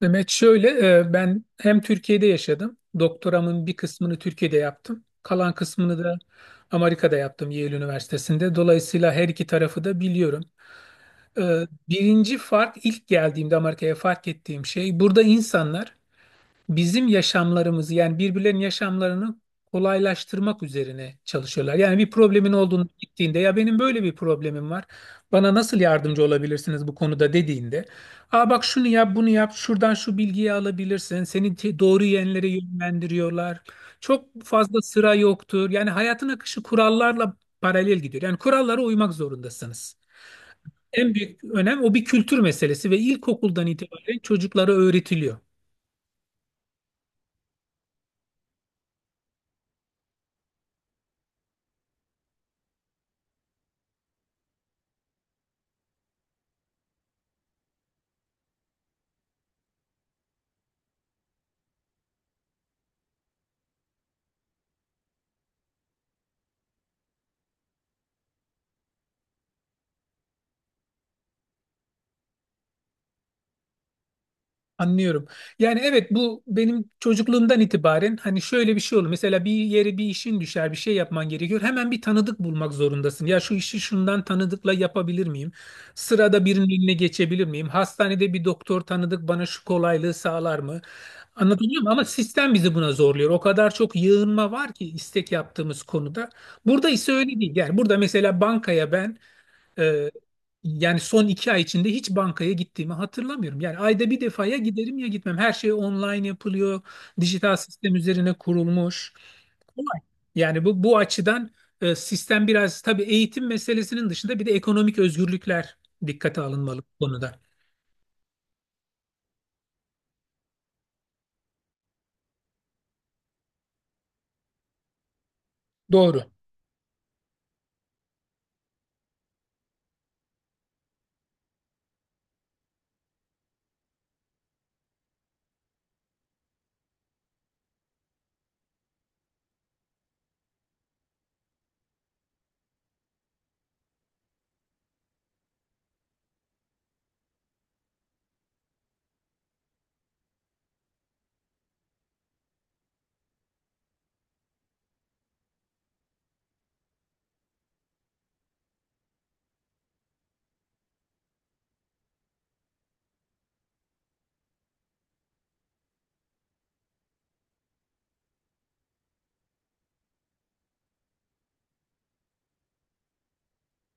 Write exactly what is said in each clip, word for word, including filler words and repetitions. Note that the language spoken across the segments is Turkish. Mehmet şöyle, e, ben hem Türkiye'de yaşadım. Doktoramın bir kısmını Türkiye'de yaptım. Kalan kısmını da Amerika'da yaptım Yale Üniversitesi'nde. Dolayısıyla her iki tarafı da biliyorum. E, Birinci fark ilk geldiğimde Amerika'ya fark ettiğim şey burada insanlar bizim yaşamlarımızı yani birbirlerinin yaşamlarını kolaylaştırmak üzerine çalışıyorlar. Yani bir problemin olduğunu gittiğinde ya benim böyle bir problemim var. Bana nasıl yardımcı olabilirsiniz bu konuda dediğinde. Aa bak şunu yap, bunu yap. Şuradan şu bilgiyi alabilirsin. Seni te- doğru yönlere yönlendiriyorlar. Çok fazla sıra yoktur. Yani hayatın akışı kurallarla paralel gidiyor. Yani kurallara uymak zorundasınız. En büyük önem o bir kültür meselesi ve ilkokuldan itibaren çocuklara öğretiliyor. Anlıyorum. Yani evet bu benim çocukluğumdan itibaren hani şöyle bir şey olur. Mesela bir yere bir işin düşer, bir şey yapman gerekiyor. Hemen bir tanıdık bulmak zorundasın. Ya şu işi şundan tanıdıkla yapabilir miyim? Sırada birinin eline geçebilir miyim? Hastanede bir doktor tanıdık bana şu kolaylığı sağlar mı? Anlatabiliyor muyum? Ama sistem bizi buna zorluyor. O kadar çok yığınma var ki istek yaptığımız konuda. Burada ise öyle değil. Yani burada mesela bankaya ben ee, yani son iki ay içinde hiç bankaya gittiğimi hatırlamıyorum. Yani ayda bir defaya giderim ya gitmem. Her şey online yapılıyor. Dijital sistem üzerine kurulmuş. Kolay. Yani bu bu açıdan e, sistem biraz tabii eğitim meselesinin dışında bir de ekonomik özgürlükler dikkate alınmalı bu konuda. Doğru.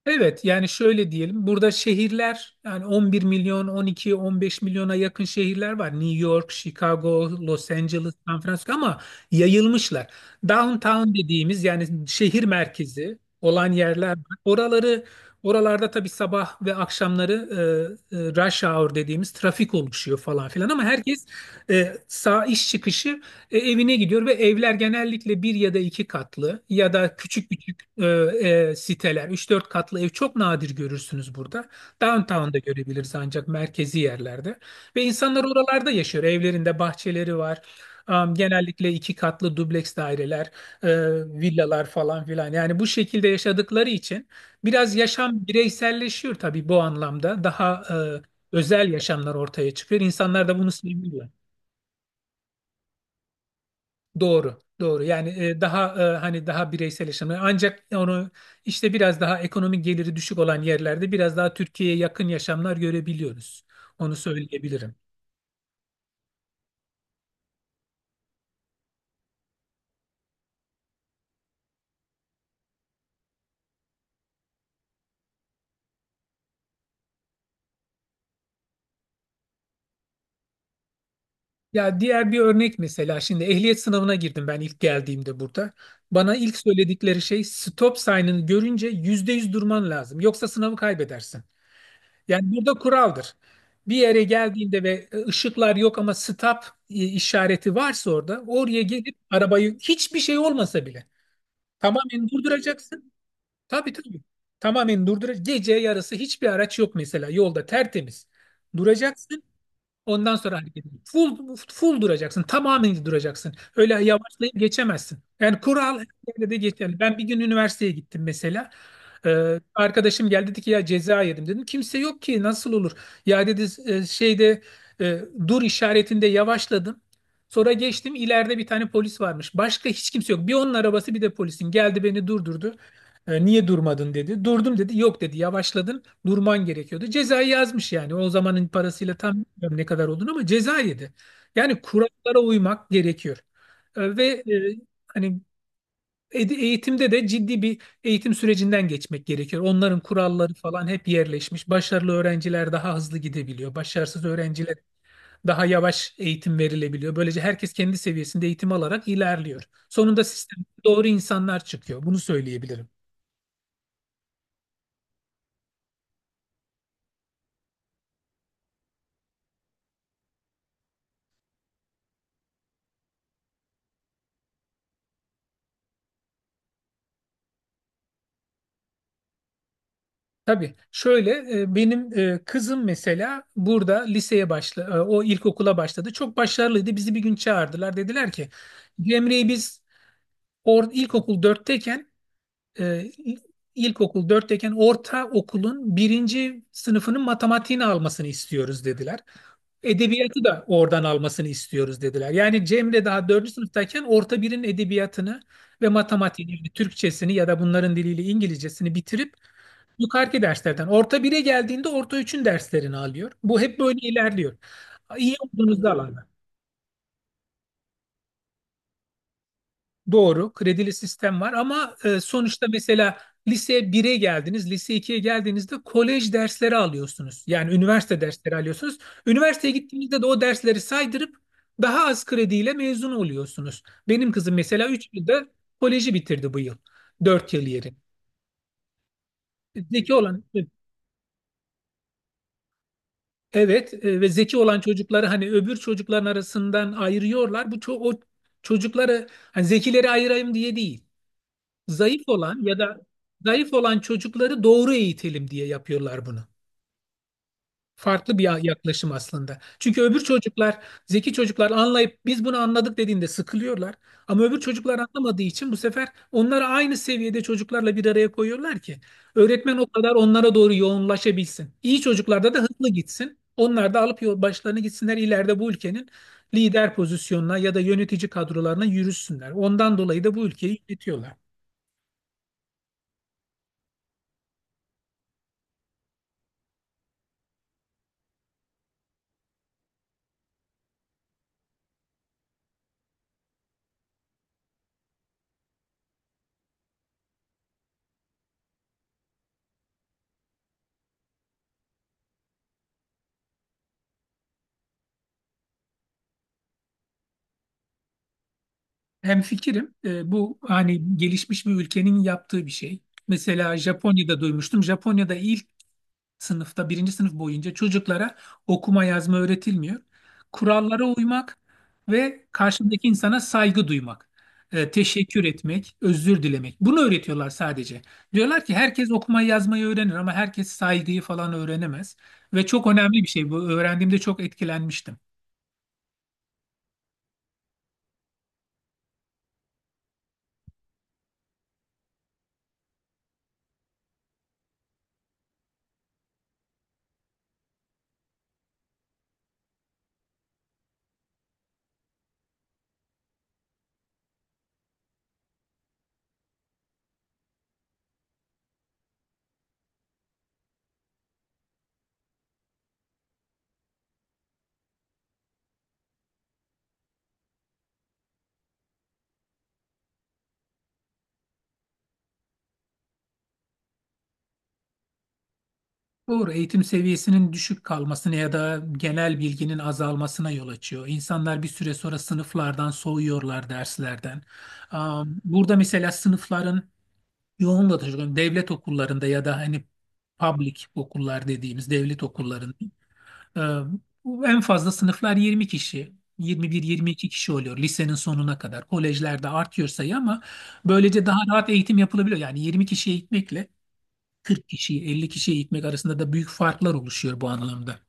Evet yani şöyle diyelim burada şehirler yani on bir milyon on iki on beş milyona yakın şehirler var. New York, Chicago, Los Angeles, San Francisco ama yayılmışlar. Downtown dediğimiz yani şehir merkezi olan yerler var. Oraları oralarda tabii sabah ve akşamları e, e, rush hour dediğimiz trafik oluşuyor falan filan ama herkes e, sağ iş çıkışı e, evine gidiyor ve evler genellikle bir ya da iki katlı ya da küçük küçük e, e, siteler. Üç dört katlı ev çok nadir görürsünüz burada. Downtown'da görebiliriz ancak merkezi yerlerde. Ve insanlar oralarda yaşıyor. Evlerinde bahçeleri var. Am, Genellikle iki katlı dubleks daireler, e, villalar falan filan. Yani bu şekilde yaşadıkları için biraz yaşam bireyselleşiyor tabii bu anlamda. Daha e, özel yaşamlar ortaya çıkıyor. İnsanlar da bunu seviyor. Doğru, doğru. Yani e, daha e, hani daha bireysel yaşamı. Ancak onu işte biraz daha ekonomik geliri düşük olan yerlerde biraz daha Türkiye'ye yakın yaşamlar görebiliyoruz. Onu söyleyebilirim. Ya diğer bir örnek mesela şimdi ehliyet sınavına girdim ben ilk geldiğimde burada. Bana ilk söyledikleri şey stop sign'ını görünce yüzde yüz durman lazım. Yoksa sınavı kaybedersin. Yani burada kuraldır. Bir yere geldiğinde ve e, ışıklar yok ama stop e, işareti varsa orada oraya gelip arabayı hiçbir şey olmasa bile tamamen durduracaksın. Tabii tabii. Tamamen durduracaksın. Gece yarısı hiçbir araç yok mesela yolda tertemiz. Duracaksın. Ondan sonra hareket edin. Full, full duracaksın. Tamamen duracaksın. Öyle yavaşlayıp geçemezsin. Yani kural her yerde de geçerli. Ben bir gün üniversiteye gittim mesela. Ee, arkadaşım geldi dedi ki ya ceza yedim dedim. Kimse yok ki nasıl olur? Ya dedi e, şeyde e, dur işaretinde yavaşladım. Sonra geçtim ileride bir tane polis varmış. Başka hiç kimse yok. Bir onun arabası bir de polisin. Geldi beni durdurdu. E, niye durmadın dedi. Durdum dedi. Yok dedi yavaşladın durman gerekiyordu. Cezayı yazmış yani. O zamanın parasıyla tam bilmiyorum ne kadar olduğunu ama ceza yedi. Yani kurallara uymak gerekiyor. E, Ve e, hani ed- eğitimde de ciddi bir eğitim sürecinden geçmek gerekiyor. Onların kuralları falan hep yerleşmiş. Başarılı öğrenciler daha hızlı gidebiliyor. Başarısız öğrenciler daha yavaş eğitim verilebiliyor. Böylece herkes kendi seviyesinde eğitim alarak ilerliyor. Sonunda sistemde doğru insanlar çıkıyor. Bunu söyleyebilirim. Tabii şöyle e, benim e, kızım mesela burada liseye başla e, o ilkokula başladı. Çok başarılıydı. Bizi bir gün çağırdılar. Dediler ki Cemre'yi biz or, ilkokul dörtteyken e, il- ilkokul dörtteyken orta okulun birinci sınıfının matematiğini almasını istiyoruz dediler. Edebiyatı da oradan almasını istiyoruz dediler. Yani Cemre daha dördüncü sınıftayken orta birin edebiyatını ve matematiğini, yani Türkçesini ya da bunların diliyle İngilizcesini bitirip yukarıki derslerden. Orta bire geldiğinde orta üçün derslerini alıyor. Bu hep böyle ilerliyor. İyi olduğunuzda alanda. Doğru, kredili sistem var ama e, sonuçta mesela lise bire geldiniz, lise ikiye geldiğinizde kolej dersleri alıyorsunuz. Yani üniversite dersleri alıyorsunuz. Üniversiteye gittiğinizde de o dersleri saydırıp daha az krediyle mezun oluyorsunuz. Benim kızım mesela üç yılda koleji bitirdi bu yıl. Dört yıl yeri. Zeki olan Evet, e, ve zeki olan çocukları hani öbür çocukların arasından ayırıyorlar. Bu ço- o çocukları hani zekileri ayırayım diye değil. Zayıf olan ya da zayıf olan çocukları doğru eğitelim diye yapıyorlar bunu. Farklı bir yaklaşım aslında. Çünkü öbür çocuklar, zeki çocuklar anlayıp biz bunu anladık dediğinde sıkılıyorlar. Ama öbür çocuklar anlamadığı için bu sefer onları aynı seviyede çocuklarla bir araya koyuyorlar ki öğretmen o kadar onlara doğru yoğunlaşabilsin. İyi çocuklarda da hızlı gitsin. Onlar da alıp yol başlarını gitsinler ileride bu ülkenin lider pozisyonuna ya da yönetici kadrolarına yürüsünler. Ondan dolayı da bu ülkeyi yönetiyorlar. Hemfikirim. Ee, bu hani gelişmiş bir ülkenin yaptığı bir şey. Mesela Japonya'da duymuştum. Japonya'da ilk sınıfta, birinci sınıf boyunca çocuklara okuma yazma öğretilmiyor. Kurallara uymak ve karşındaki insana saygı duymak, e, teşekkür etmek, özür dilemek. Bunu öğretiyorlar sadece. Diyorlar ki herkes okumayı yazmayı öğrenir ama herkes saygıyı falan öğrenemez. Ve çok önemli bir şey bu. Öğrendiğimde çok etkilenmiştim. Doğru, eğitim seviyesinin düşük kalmasına ya da genel bilginin azalmasına yol açıyor. İnsanlar bir süre sonra sınıflardan soğuyorlar derslerden. Am, Burada mesela sınıfların yoğunlaşıyor. Devlet okullarında ya da hani public okullar dediğimiz devlet okullarında e, en fazla sınıflar yirmi kişi. yirmi bir yirmi iki kişi oluyor lisenin sonuna kadar. Kolejlerde artıyor sayı ama böylece daha rahat eğitim yapılabiliyor. Yani yirmi kişi eğitmekle kırk kişiyi elli kişiye eğitmek arasında da büyük farklar oluşuyor bu anlamda.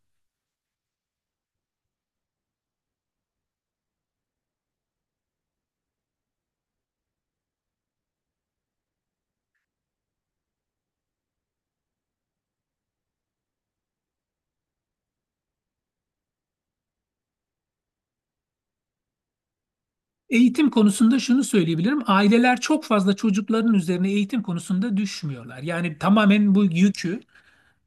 Eğitim konusunda şunu söyleyebilirim. Aileler çok fazla çocukların üzerine eğitim konusunda düşmüyorlar. Yani tamamen bu yükü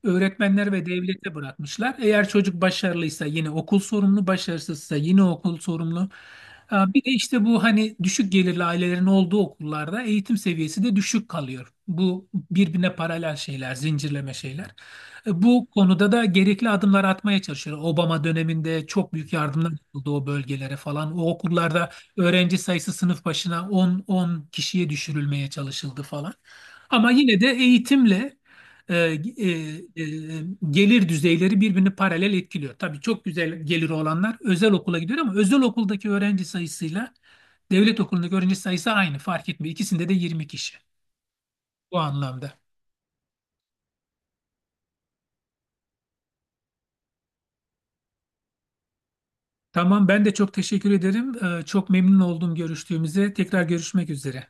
öğretmenler ve devlete bırakmışlar. Eğer çocuk başarılıysa yine okul sorumlu, başarısızsa yine okul sorumlu. Ee, Bir de işte bu hani düşük gelirli ailelerin olduğu okullarda eğitim seviyesi de düşük kalıyor. Bu birbirine paralel şeyler, zincirleme şeyler. Ee, Bu konuda da gerekli adımlar atmaya çalışıyor. Obama döneminde çok büyük yardımlar yapıldı o bölgelere falan. O okullarda öğrenci sayısı sınıf başına on, on kişiye düşürülmeye çalışıldı falan. Ama yine de eğitimle e, e, e, gelir düzeyleri birbirini paralel etkiliyor. Tabii çok güzel geliri olanlar özel okula gidiyor ama özel okuldaki öğrenci sayısıyla devlet okulundaki öğrenci sayısı aynı fark etmiyor. İkisinde de yirmi kişi bu anlamda. Tamam ben de çok teşekkür ederim. E, çok memnun oldum görüştüğümüze. Tekrar görüşmek üzere.